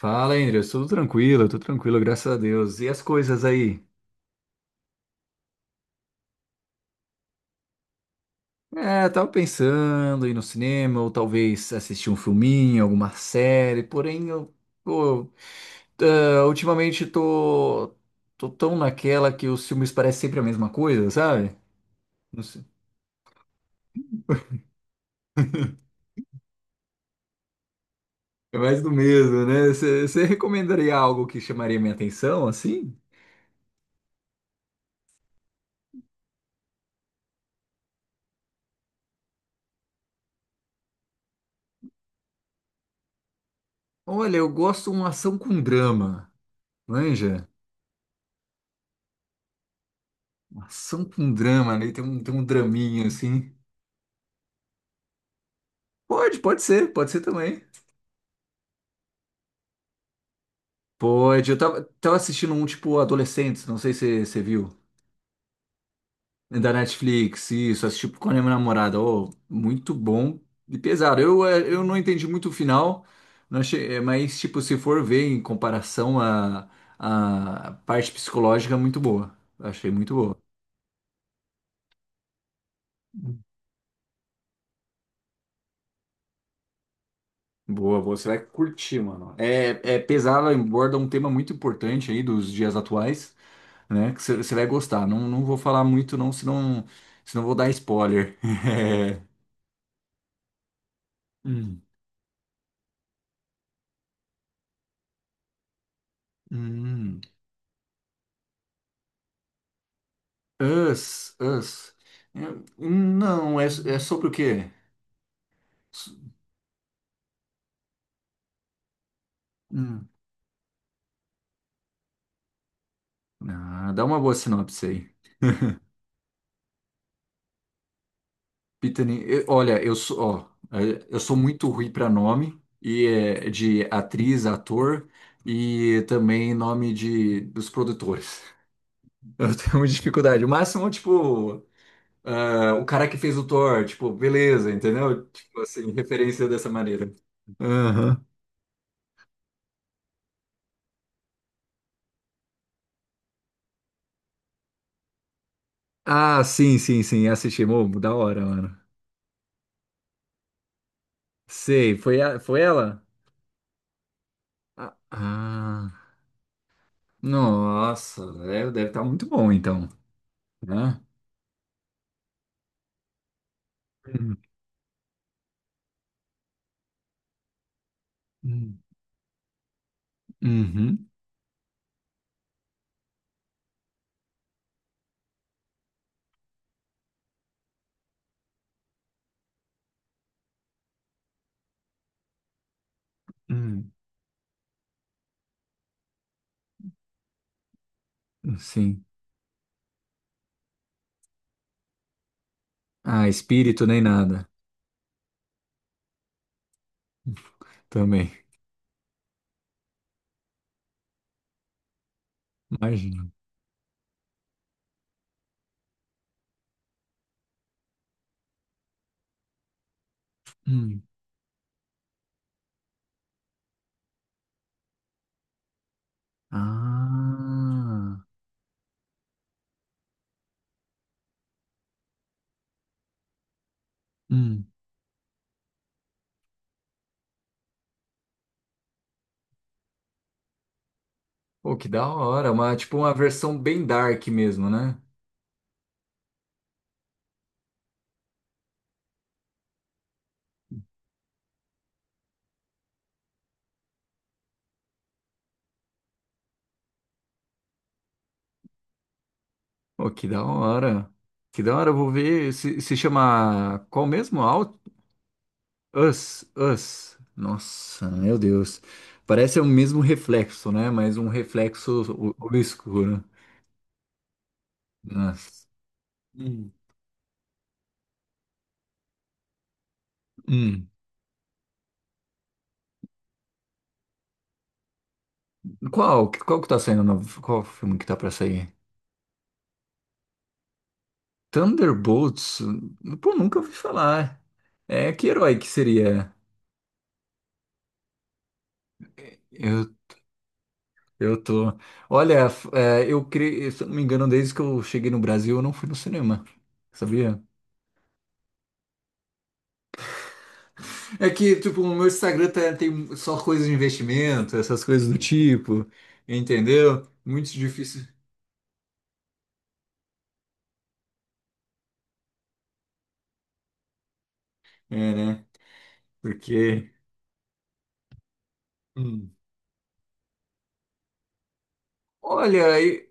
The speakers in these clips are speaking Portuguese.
Fala, Andreas, tudo tranquilo, graças a Deus. E as coisas aí? É, tava pensando em ir no cinema, ou talvez assistir um filminho, alguma série, porém eu, pô, ah, ultimamente tô tão naquela que os filmes parecem sempre a mesma coisa, sabe? Não sei. É mais do mesmo, né? Você recomendaria algo que chamaria minha atenção, assim? Olha, eu gosto de uma ação com drama, manja? Uma ação com drama, né? Tem um draminha, assim. Pode, pode ser também. Pode, eu tava assistindo um tipo Adolescentes, não sei se você viu, da Netflix, isso, assisti com a minha namorada, ó, muito bom e pesado. Eu não entendi muito o final, não achei, mas tipo, se for ver em comparação à parte psicológica, é muito boa. Achei muito boa. Boa, boa, você vai curtir, mano. É pesado, aborda um tema muito importante aí dos dias atuais, né? Que você vai gostar. Não, não vou falar muito, não, senão vou dar spoiler. Hum, hum. Us, Us. É, não, é sobre o quê? S- hum. Ah, dá uma boa sinopse aí. Pitani, olha, eu sou, ó, eu sou muito ruim para nome e de atriz, ator e também nome de dos produtores. Eu tenho muita dificuldade. O máximo, tipo, ah, o cara que fez o Thor, tipo, beleza, entendeu? Tipo assim, referência dessa maneira. Aham. Ah, sim, sim, sim, assisti. Mô, da hora, mano. Sei, foi, foi ela? Ah, ah. Nossa, velho, deve estar muito bom então, né? Uhum, uhum, uhum. Sim. Ah, espírito nem nada também. Imagina. Hum. Ah, hum. Pô, que da hora, uma, tipo uma versão bem dark mesmo, né? Pô, que da hora. Que da hora, eu vou ver. Se chama qual mesmo? Out Us. Us. Nossa, meu Deus. Parece o mesmo reflexo, né? Mas um reflexo obscuro. Nossa. Hum. Hum. Qual? Qual que tá saindo? Novo? Qual o filme que tá pra sair? Thunderbolts? Pô, nunca ouvi falar. É, que herói que seria? Eu, eu tô. Olha, se eu não me engano, desde que eu cheguei no Brasil, eu não fui no cinema. Sabia? É que, tipo, o meu Instagram tem só coisas de investimento, essas coisas do tipo, entendeu? Muito difícil. É, né? Porque. Hum. Olha, e-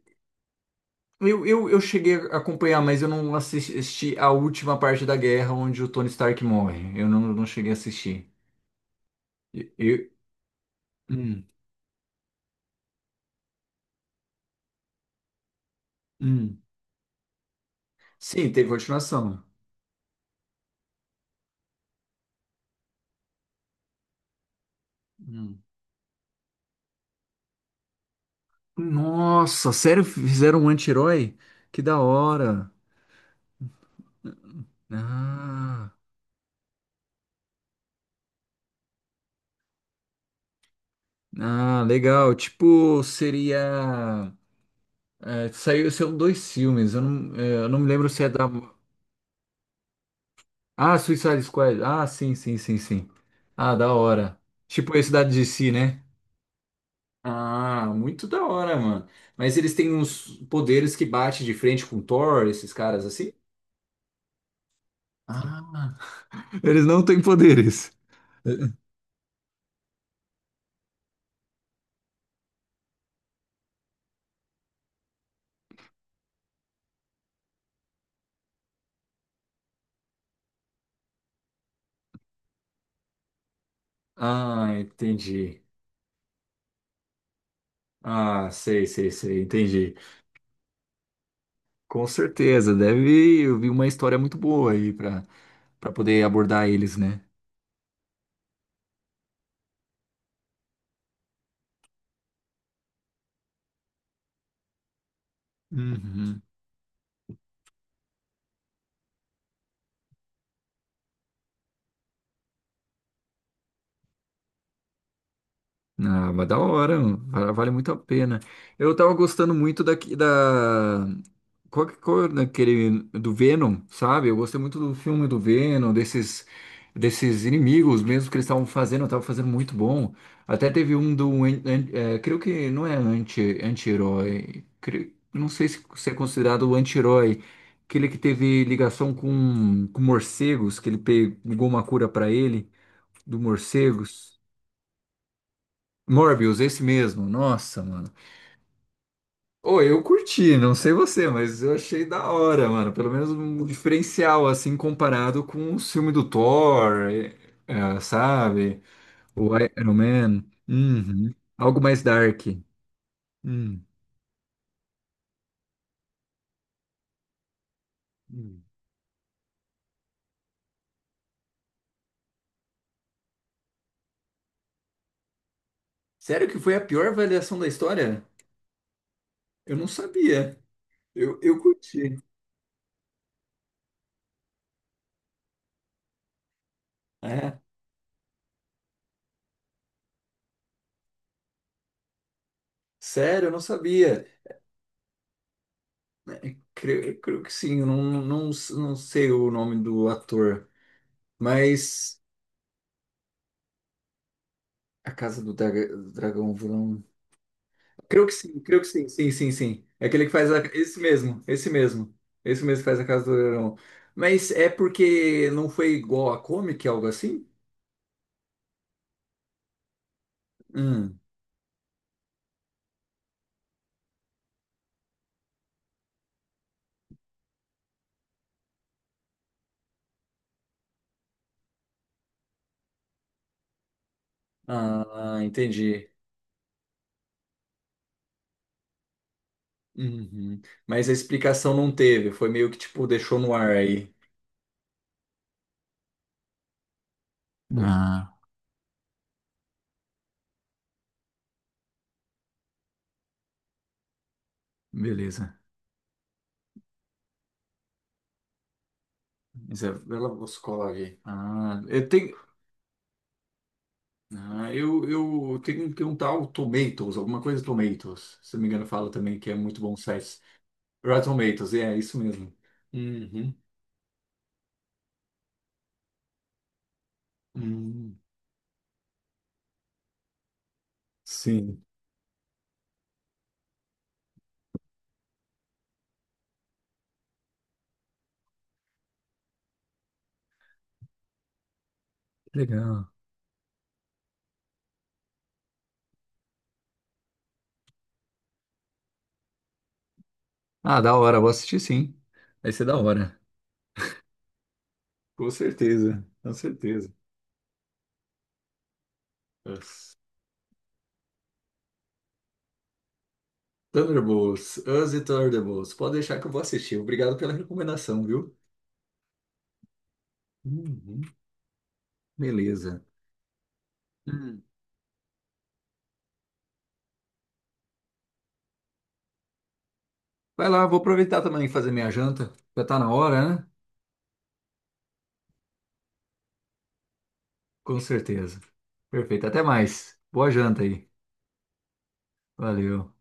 eu, eu, eu cheguei a acompanhar, mas eu não assisti a última parte da guerra onde o Tony Stark morre. Eu não cheguei a assistir. Eu, hum, hum. Sim, teve continuação. Hum. Nossa, sério? Fizeram um anti-herói? Que da hora. Ah. Ah, legal. Tipo, seria. É, saiu, são dois filmes. Eu não me lembro se é da. Ah, Suicide Squad. Ah, sim, sim, sim, sim. Ah, da hora. Tipo, esse da DC, né? Ah, muito da hora, mano. Mas eles têm uns poderes que bate de frente com o Thor, esses caras assim? Ah, eles não têm poderes. Ah, entendi. Ah, sei, sei, sei, entendi. Com certeza, deve vir uma história muito boa aí para poder abordar eles, né? Uhum. Ah, mas da hora, mano. Vale muito a pena. Eu tava gostando muito daqui da. Qual daquele do Venom, sabe? Eu gostei muito do filme do Venom, desses inimigos mesmo que eles estavam fazendo muito bom. Até teve um do creio que não é anti-herói, não sei se é considerado anti-herói, aquele que teve ligação com morcegos, que ele pegou uma cura pra ele do morcegos. Morbius, esse mesmo. Nossa, mano. Ô, eu curti, não sei você, mas eu achei da hora, mano. Pelo menos um diferencial, assim, comparado com o filme do Thor, sabe? O Iron Man. Uhum. Algo mais dark. Hum. Hum. Sério que foi a pior avaliação da história? Eu não sabia. Eu curti. É. Sério, eu não sabia. É, Creio que sim, eu não sei o nome do ator. Mas. A Casa do Dragão Vilão. Creio que sim, sim, sim, sim. É aquele que faz esse mesmo, esse mesmo. Esse mesmo que faz a Casa do Dragão. Mas é porque não foi igual a comic, algo assim? Hum. Ah, entendi. Uhum. Mas a explicação não teve, foi meio que tipo, deixou no ar aí. Ah, beleza. Isabela Boscov. Ah, eu tenho. Ah, eu tenho que um tal Tomatoes, alguma coisa Tomatoes. Se não me engano, fala também que é muito bom site Rotten Tomatoes, é isso mesmo. Uhum. Hum, sim. Legal. Ah, da hora, vou assistir sim. Vai ser da hora. Com certeza, com certeza. Us. Thunderbolts, Us e Thunderbolts. Pode deixar que eu vou assistir. Obrigado pela recomendação, viu? Uhum. Beleza. Hum. Vai lá, vou aproveitar também e fazer minha janta. Já tá na hora, né? Com certeza. Perfeito. Até mais. Boa janta aí. Valeu.